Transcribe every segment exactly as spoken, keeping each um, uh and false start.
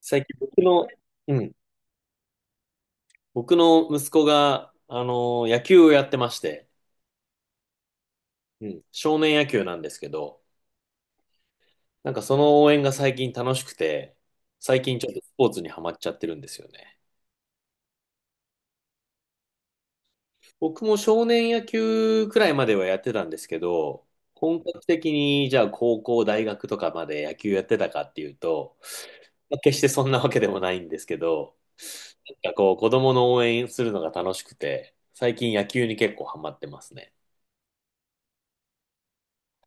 最近僕の、うん、僕の息子が、あのー野球をやってまして、うん、少年野球なんですけど、なんかその応援が最近楽しくて、最近ちょっとスポーツにはまっちゃってるんですよね。僕も少年野球くらいまではやってたんですけど、本格的にじゃあ高校、大学とかまで野球やってたかっていうと、まあ決してそんなわけでもないんですけど、なんかこう子供の応援するのが楽しくて、最近野球に結構ハマってますね。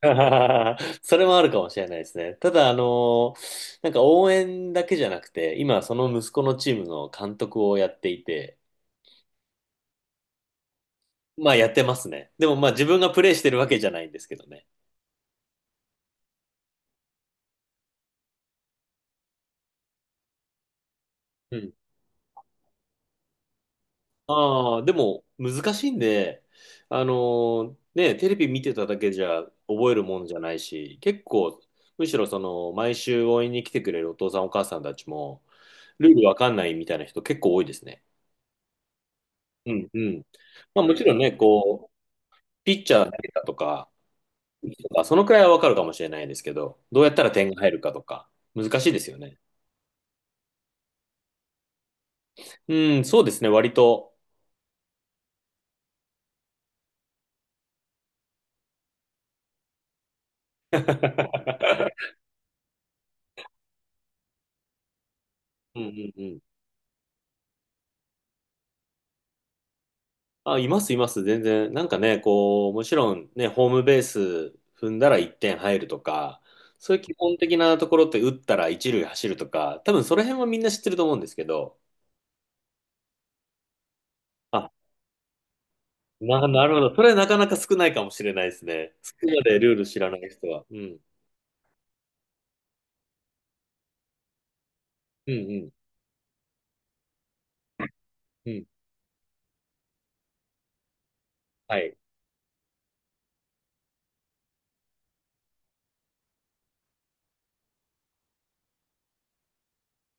それもあるかもしれないですね。ただ、あのーなんか応援だけじゃなくて、今その息子のチームの監督をやっていて、まあやってますね。でもまあ自分がプレイしてるわけじゃないんですけどね。うん。ああ、でも難しいんで、あのーね、テレビ見てただけじゃ覚えるもんじゃないし、結構、むしろその、毎週応援に来てくれるお父さんお母さんたちも、ルールわかんないみたいな人結構多いですね。うんうん。まあもちろんね、こう、ピッチャー投げたとか、そのくらいはわかるかもしれないですけど、どうやったら点が入るかとか、難しいですよね。うん、そうですね、割と。うんうんうん。あ、います、います、全然。なんかね、こう、もちろんね、ホームベース踏んだらいってん入るとか、そういう基本的なところって打ったらいち塁走るとか、多分その辺はみんな知ってると思うんですけど、あ、な、なるほど。それはなかなか少ないかもしれないですね。そこまでルール知らない人は。うん。うんうん。うん。はい。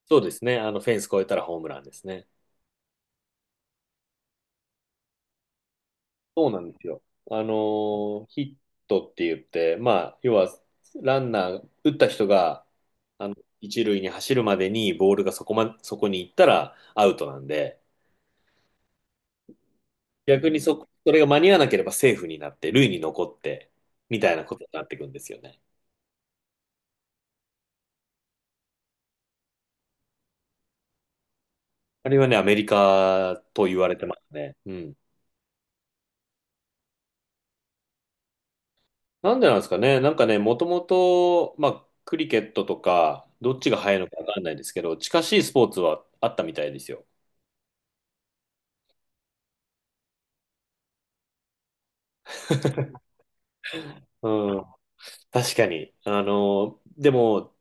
そうですね。あの、フェンス越えたらホームランですね。そうなんですよ。あのーヒットって言って、まあ、要は、ランナー、打った人が、あの、一塁に走るまでにボールがそこま、そこに行ったらアウトなんで、逆にそ、それが間に合わなければセーフになって、塁に残って、みたいなことになってくんですよね。あれはね、アメリカと言われてますね。うん。なんでなんですかね。なんかね、もともと、まあ、クリケットとか、どっちが早いのかわかんないですけど、近しいスポーツはあったみたいですよ。うん。確かに。あの、でも、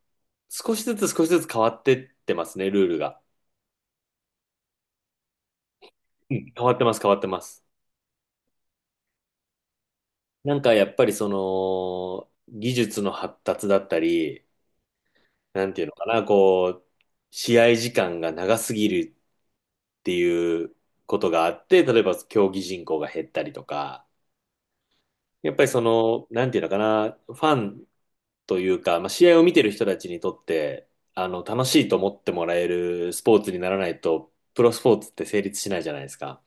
少しずつ少しずつ変わってってますね、ルールが。うん、変わってます、変わってます。なんかやっぱりその、技術の発達だったり、なんていうのかな、こう、試合時間が長すぎるっていうことがあって、例えば競技人口が減ったりとか、やっぱりその、なんていうのかな、ファンというか、まあ、試合を見てる人たちにとって、あの、楽しいと思ってもらえるスポーツにならないと、プロスポーツって成立しないじゃないですか。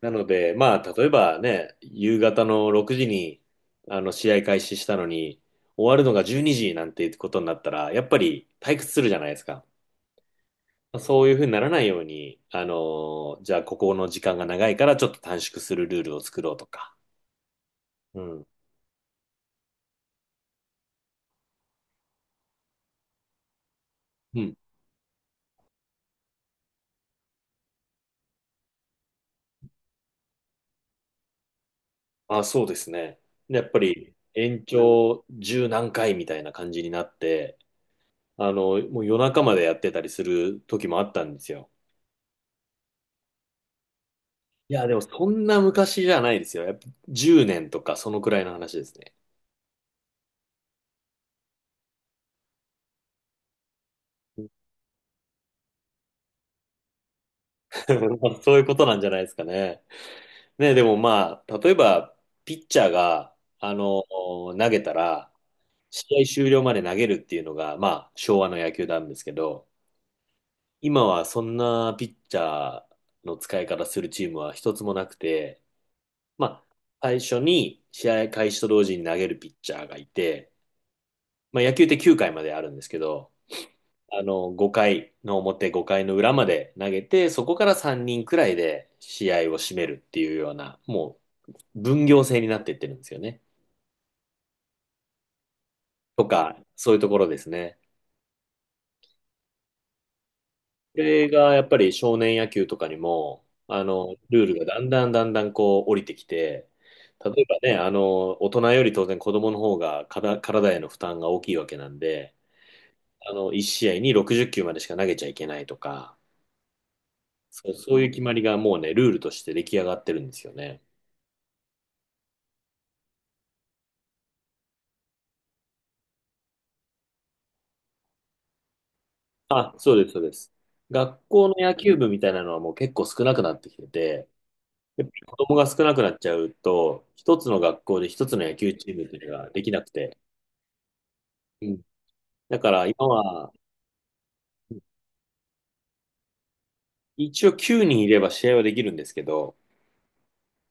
なので、まあ、例えばね、夕方のろくじに、あの、試合開始したのに、終わるのがじゅうにじなんていうことになったら、やっぱり退屈するじゃないですか。そういうふうにならないように、あの、じゃあここの時間が長いからちょっと短縮するルールを作ろうとか。うん。うん、あ、そうですね。でやっぱり延長十何回みたいな感じになって、あの、もう夜中までやってたりする時もあったんですよ。いや、でもそんな昔じゃないですよ。やっぱじゅうねんとかそのくらいの話ですね。まあそういうことなんじゃないですかね。ね、でもまあ、例えば、ピッチャーが、あの、投げたら、試合終了まで投げるっていうのが、まあ、昭和の野球なんですけど、今はそんなピッチャーの使い方するチームは一つもなくて、まあ、最初に試合開始と同時に投げるピッチャーがいて、まあ、野球ってきゅうかいまであるんですけど、あの、ごかいの表、ごかいの裏まで投げて、そこからさんにんくらいで試合を締めるっていうような、もう分業制になっていってるんですよね。とか、そういうところですね。これがやっぱり少年野球とかにも、あの、ルールがだんだんだんだんこう降りてきて、例えばね、あの、大人より当然子供の方がかだ体への負担が大きいわけなんで、あの、いち試合にろくじゅう球までしか投げちゃいけないとか、そう、そういう決まりがもうね、ルールとして出来上がってるんですよね。あ、そうです、そうです。学校の野球部みたいなのはもう結構少なくなってきてて、やっぱり子供が少なくなっちゃうと、一つの学校で一つの野球チームっていうのができなくて、うん。だから今は、一応きゅうにんいれば試合はできるんですけど、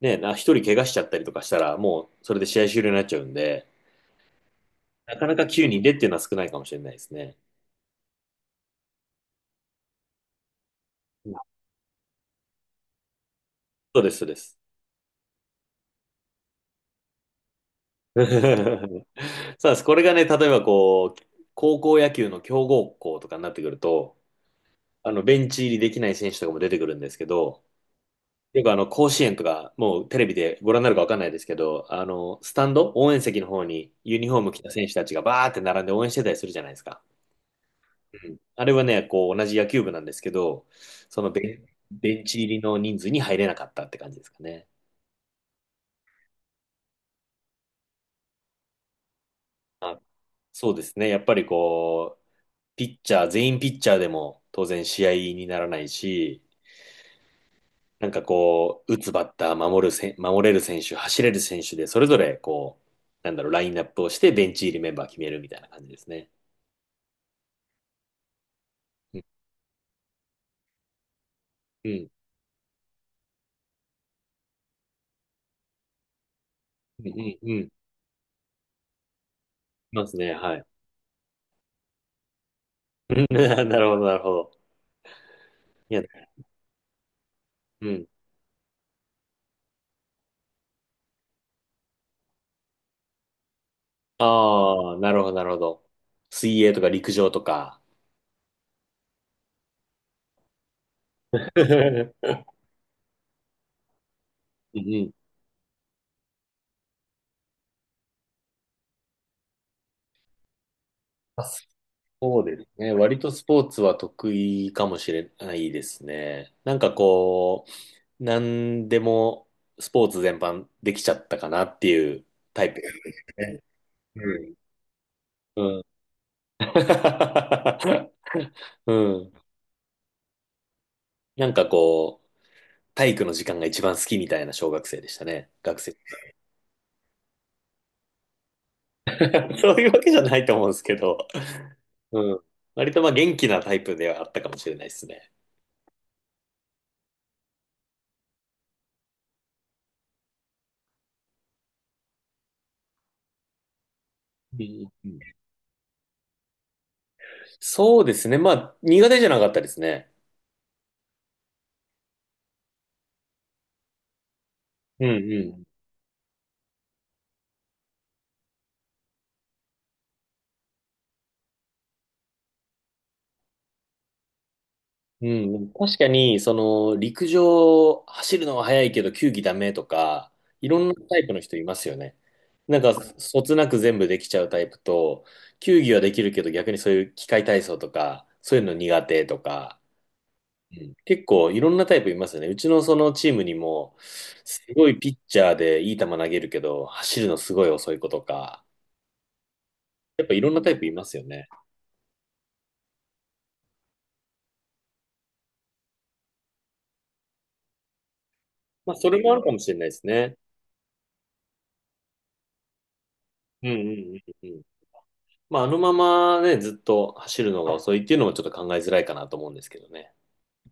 ね、な、ひとり怪我しちゃったりとかしたら、もうそれで試合終了になっちゃうんで、なかなかきゅうにんでっていうのは少ないかもしれないですね。うん、そうです、そうです。そうです。これがね、例えばこう、高校野球の強豪校とかになってくると、あの、ベンチ入りできない選手とかも出てくるんですけど、よくあの、甲子園とか、もうテレビでご覧になるかわかんないですけど、あの、スタンド、応援席の方にユニフォーム着た選手たちがバーって並んで応援してたりするじゃないですか。うん、あれはね、こう、同じ野球部なんですけど、そのベン、ベンチ入りの人数に入れなかったって感じですかね。あ、そうですね。やっぱりこう、ピッチャー、全員ピッチャーでも当然試合にならないし、なんかこう、打つバッター、守るせん、守れる選手、走れる選手で、それぞれこう、なんだろう、ラインナップをして、ベンチ入りメンバー決めるみたいな感じですね。うん、うん、うん、うん。うん、いますね、はい。なるほど、なるほど。いや、うん。ああ、なるほど、なるほど。水泳とか陸上とか。うんうん、あ、そうですね。割とスポーツは得意かもしれないですね。なんかこう、なんでもスポーツ全般できちゃったかなっていうタイプですね。うん。うん。うん。なんかこう、体育の時間が一番好きみたいな小学生でしたね。学生。そういうわけじゃないと思うんですけど。うん。割とまあ元気なタイプではあったかもしれないですね。うんうんうん、そうですね。まあ苦手じゃなかったですね。うんうん。うん、確かに、その、陸上、走るのは速いけど、球技ダメとか、いろんなタイプの人いますよね。なんか、そつなく全部できちゃうタイプと、球技はできるけど、逆にそういう機械体操とか、そういうの苦手とか、うん、結構いろんなタイプいますよね。うちのそのチームにも、すごいピッチャーでいい球投げるけど、走るのすごい遅い子とか、やっぱいろんなタイプいますよね。まあ、それもあるかもしれないですね。うんうんうんうん。まあ、あのままね、ずっと走るのが遅いっていうのもちょっと考えづらいかなと思うんですけどね。